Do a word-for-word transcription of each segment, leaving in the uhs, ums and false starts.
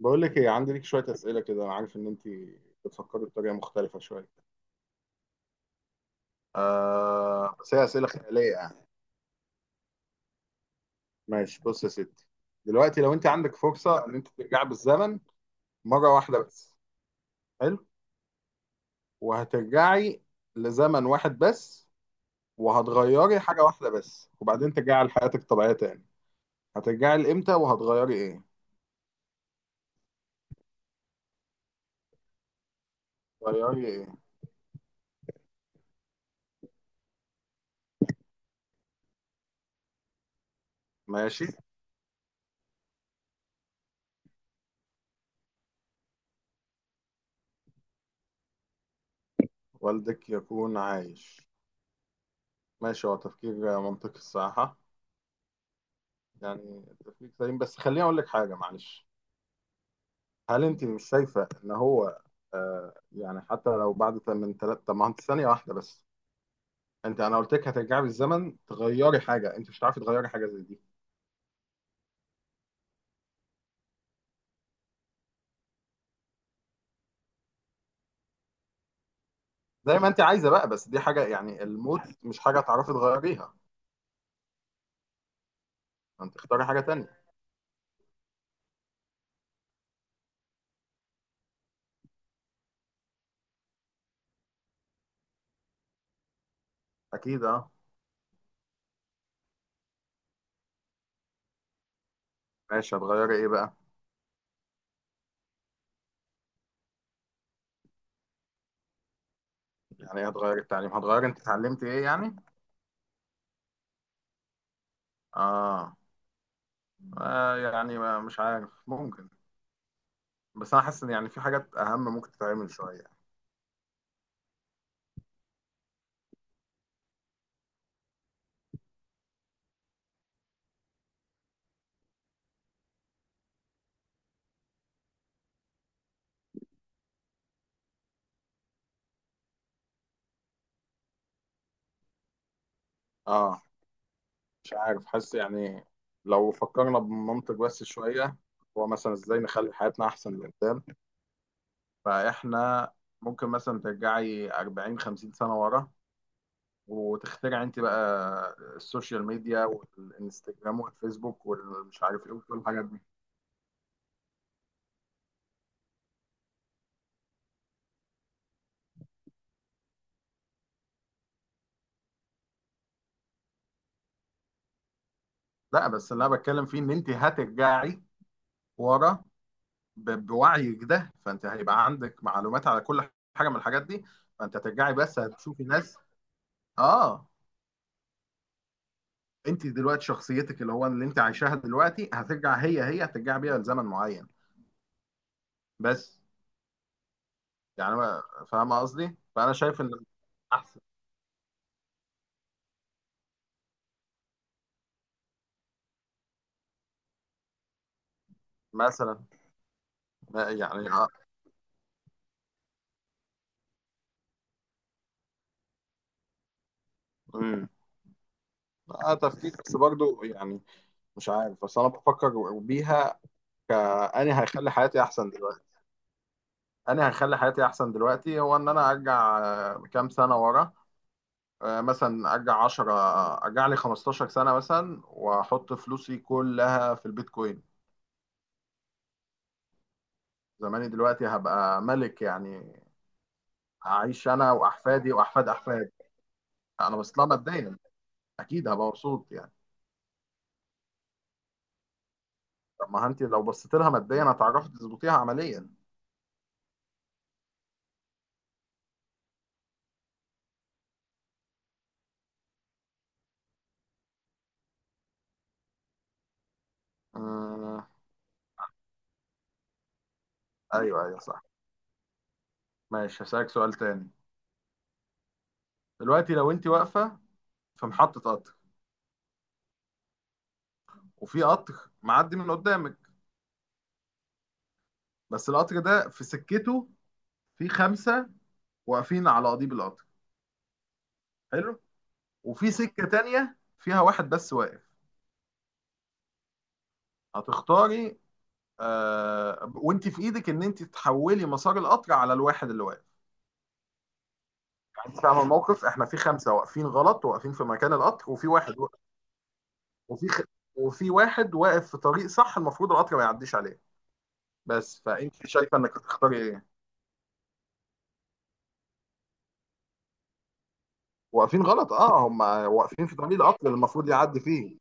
بقول لك ايه، عندي ليك شويه اسئله كده. انا عارف ان انت بتفكري بطريقه مختلفه شويه. آه بس هي اسئله خياليه يعني. ماشي، بص يا ستي، دلوقتي لو انت عندك فرصه ان انت ترجعي بالزمن مره واحده بس. حلو، وهترجعي لزمن واحد بس، وهتغيري حاجه واحده بس وبعدين ترجعي لحياتك الطبيعيه تاني. هترجعي لامتى وهتغيري ايه؟ غيري ايه؟ ماشي. والدك يكون عايش؟ ماشي، هو تفكير منطقي الصراحه. يعني التفكير سليم بس خليني اقول لك حاجه، معلش. هل انت مش شايفه ان هو آه يعني حتى لو بعد ت- من ثلاث، طب ما انت ثانيه واحده بس. انت، انا قلت لك هترجعي بالزمن تغيري حاجه، انت مش هتعرفي تغيري حاجه زي دي. زي ما انت عايزه بقى، بس دي حاجه يعني الموت مش حاجه تعرفي تغيريها. انت اختاري حاجه تانية. اكيد اه. ماشي، هتغيري ايه بقى؟ يعني ايه هتغيري التعليم؟ هتغيري انت اتعلمتي ايه يعني؟ اه، آه يعني ما مش عارف، ممكن. بس انا حاسس ان يعني في حاجات اهم ممكن تتعمل شويه. اه مش عارف، حاسس يعني لو فكرنا بمنطق بس شوية، هو مثلا ازاي نخلي حياتنا أحسن لقدام. فإحنا ممكن مثلا ترجعي أربعين خمسين سنة ورا وتخترعي أنت بقى السوشيال ميديا والإنستجرام والفيسبوك والمش عارف إيه وكل الحاجات دي. لا، بس اللي أنا بتكلم فيه إن أنت هترجعي ورا ب- بوعيك ده، فأنت هيبقى عندك معلومات على كل حاجة من الحاجات دي. فأنت هترجعي بس هتشوفي ناس. آه. انت دلوقتي شخصيتك اللي هو اللي انت عايشاها دلوقتي هترجع هي هي، هترجع بيها لزمن معين بس. يعني ما- فاهمه قصدي؟ فانا شايف ان احسن. مثلا ما- يعني اه. امم. اه تفكير بس برضو يعني، مش عارف، بس انا بفكر بيها كأني هيخلي حياتي احسن دلوقتي. انا هيخلي حياتي احسن دلوقتي هو ان انا ارجع آه، كام سنه ورا. آه، مثلا ارجع عشرة، ارجع لي خمستاشر سنه مثلا، واحط فلوسي كلها في البيتكوين. زماني دلوقتي هبقى ملك يعني. هعيش انا واحفادي واحفاد احفادي. انا بصيت لها ماديا. اكيد هبقى مبسوط يعني. طب ما انت لو بصيت لها ماديا هتعرفي تظبطيها عمليا. أمم، ايوه ايوه صح. ماشي، هسألك سؤال تاني. دلوقتي لو انت واقفه في محطه قطر، وفي قطر معدي من قدامك، بس القطر ده في سكته، في خمسه واقفين على قضيب القطر. حلو. وفي سكه تانيه فيها واحد بس واقف. هتختاري آه، وانت في ايدك ان انت تحولي مسار القطر على الواحد اللي واقف. انت فاهمه الموقف؟ احنا في خمسه واقفين غلط، واقفين في مكان القطر، وفي واحد واقف. وفي خ... وفي واحد واقف في طريق صح المفروض القطر ما يعديش عليه. بس فانت شايفه انك هتختاري ايه؟ واقفين غلط، اه، هم واقفين في طريق القطر اللي المفروض يعدي فيه.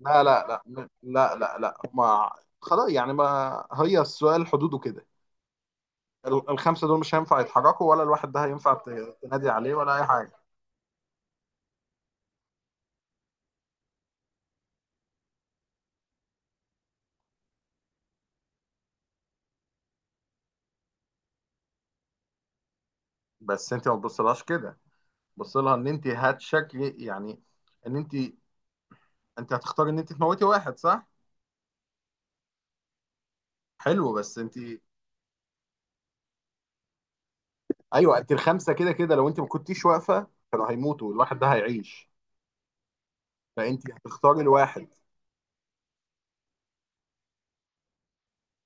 لا لا لا لا لا لا، هم خلاص يعني ما، هي السؤال حدوده كده. ال- الخمسه دول مش هينفع يتحركوا، ولا الواحد ده هينفع ت- تنادي عليه، ولا اي حاجه. بس انت ما تبصلهاش كده. بص لها ان انت هتشكلي يعني، ان انت، انت هتختاري ان انت تموتي واحد، صح؟ حلو، بس انت. ايوه، انت الخمسه كده كده لو انت ما كنتيش واقفه كانوا هيموتوا، الواحد ده هيعيش. فانت هتختاري الواحد.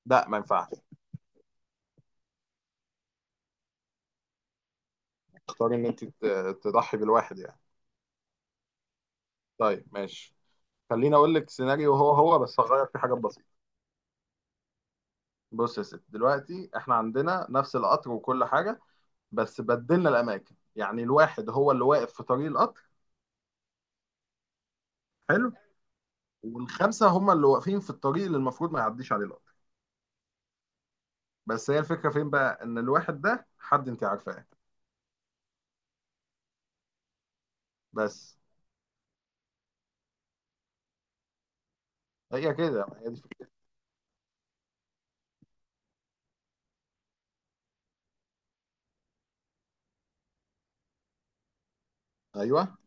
لا ما ينفعش تختاري ان انت ت- تضحي بالواحد يعني. طيب ماشي، خليني اقول لك سيناريو هو هو بس هغير فيه حاجات بسيطه. بص يا ست، دلوقتي احنا عندنا نفس القطر وكل حاجه، بس بدلنا الاماكن. يعني الواحد هو اللي واقف في طريق القطر. حلو. والخمسه هم اللي واقفين في الطريق اللي المفروض ما يعديش عليه القطر. بس هي الفكره فين بقى؟ ان الواحد ده حد انت عارفاه بس. هي كده، هي دي الفكرة. ايوه.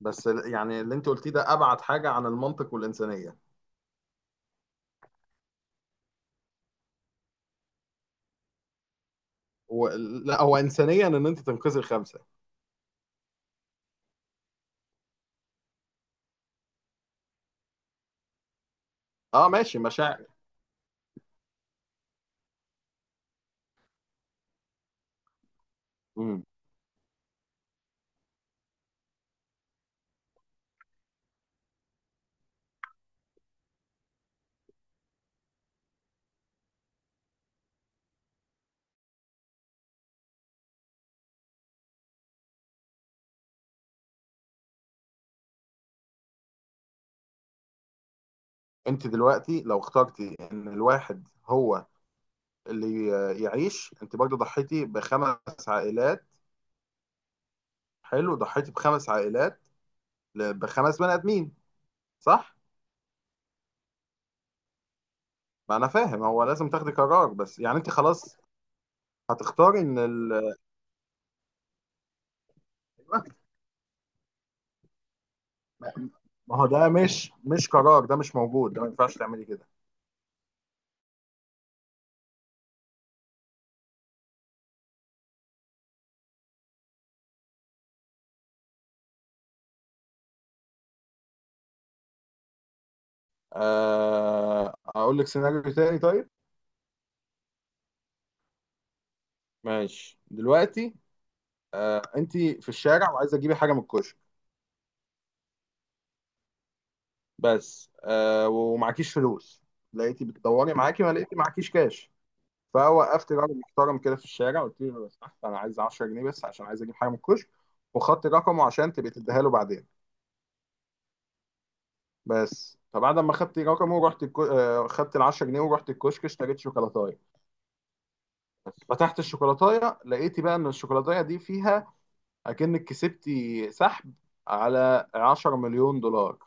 بس ال- يعني اللي انت قلتيه ده ابعد حاجه عن المنطق والانسانيه. و... لا، هو انسانيا ان انت تنقذي الخمسه. اه ماشي، مشاعر. امم. انت دلوقتي لو اخترتي ان الواحد هو اللي يعيش، انت برضه ضحيتي بخمس عائلات. حلو، ضحيتي بخمس عائلات، ل- بخمس بني ادمين، صح؟ ما انا فاهم هو لازم تاخدي قرار، بس يعني انت خلاص هتختاري ان ال... ما هو ده مش مش قرار، ده مش موجود، ده ما ينفعش تعملي كده. آه، اقول لك سيناريو تاني طيب. ماشي دلوقتي، آه، انت في الشارع وعايزه تجيبي حاجه من الكشك، بس آه، ومعكيش فلوس. لقيتي بتدوري معاكي، ما لقيتي معكيش كاش. فوقفت راجل محترم كده في الشارع، قلت له لو سمحت انا عايز عشرة جنيه بس عشان عايز اجيب حاجه من الكشك، وخدت رقمه عشان تبقي تديها له بعدين. بس فبعد ما خدت رقمه ورحت الكو... آه، خدت ال عشرة جنيه ورحت الكشك، اشتريت شوكولاتايه. فتحت الشوكولاتايه لقيتي بقى ان الشوكولاتايه دي فيها، اكنك كسبتي سحب على عشرة مليون دولار.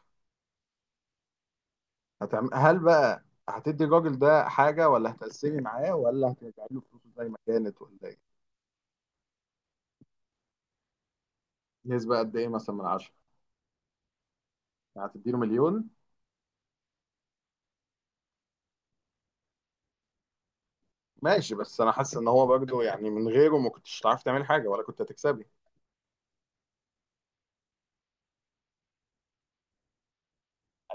هتعم... هل بقى هتدي الراجل ده حاجه، ولا هتقسمي معاه، ولا هترجعي له فلوسه زي ما كانت، ولا ايه؟ نسبه قد ايه مثلا من عشرة؟ يعني هتدي له مليون. ماشي، بس انا حاسس ان هو برضه يعني من غيره ما كنتش هتعرفي تعملي حاجه ولا كنت هتكسبي.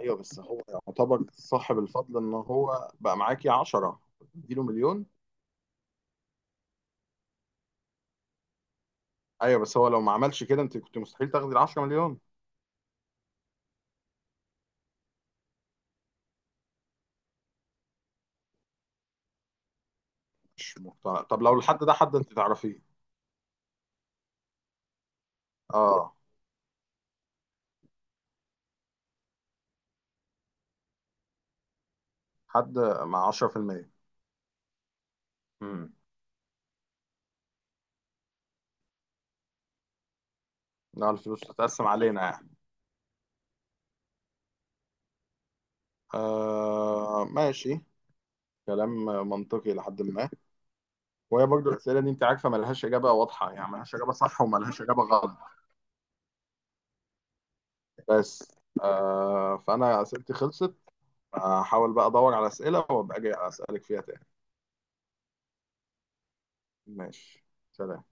ايوه بس هو يعتبر صاحب الفضل ان هو بقى معاكي عشرة. اديله مليون. ايوه بس هو لو ما عملش كده انت كنت مستحيل تاخدي ال عشرة مليون. مش مقتنع. طب لو الحد ده حد انت تعرفيه؟ اه. حد مع عشرة في المئة؟ امم. لا الفلوس تتقسم علينا يعني. آه ماشي، كلام منطقي لحد ما. وهي برضه الاسئله دي انت عارفه ملهاش اجابه واضحه، يعني ملهاش اجابه صح وملهاش اجابه غلط. بس آه، فانا اسئلتي خلصت. هحاول بقى ادور على اسئله وابقى اجي اسالك فيها تاني. ماشي، سلام.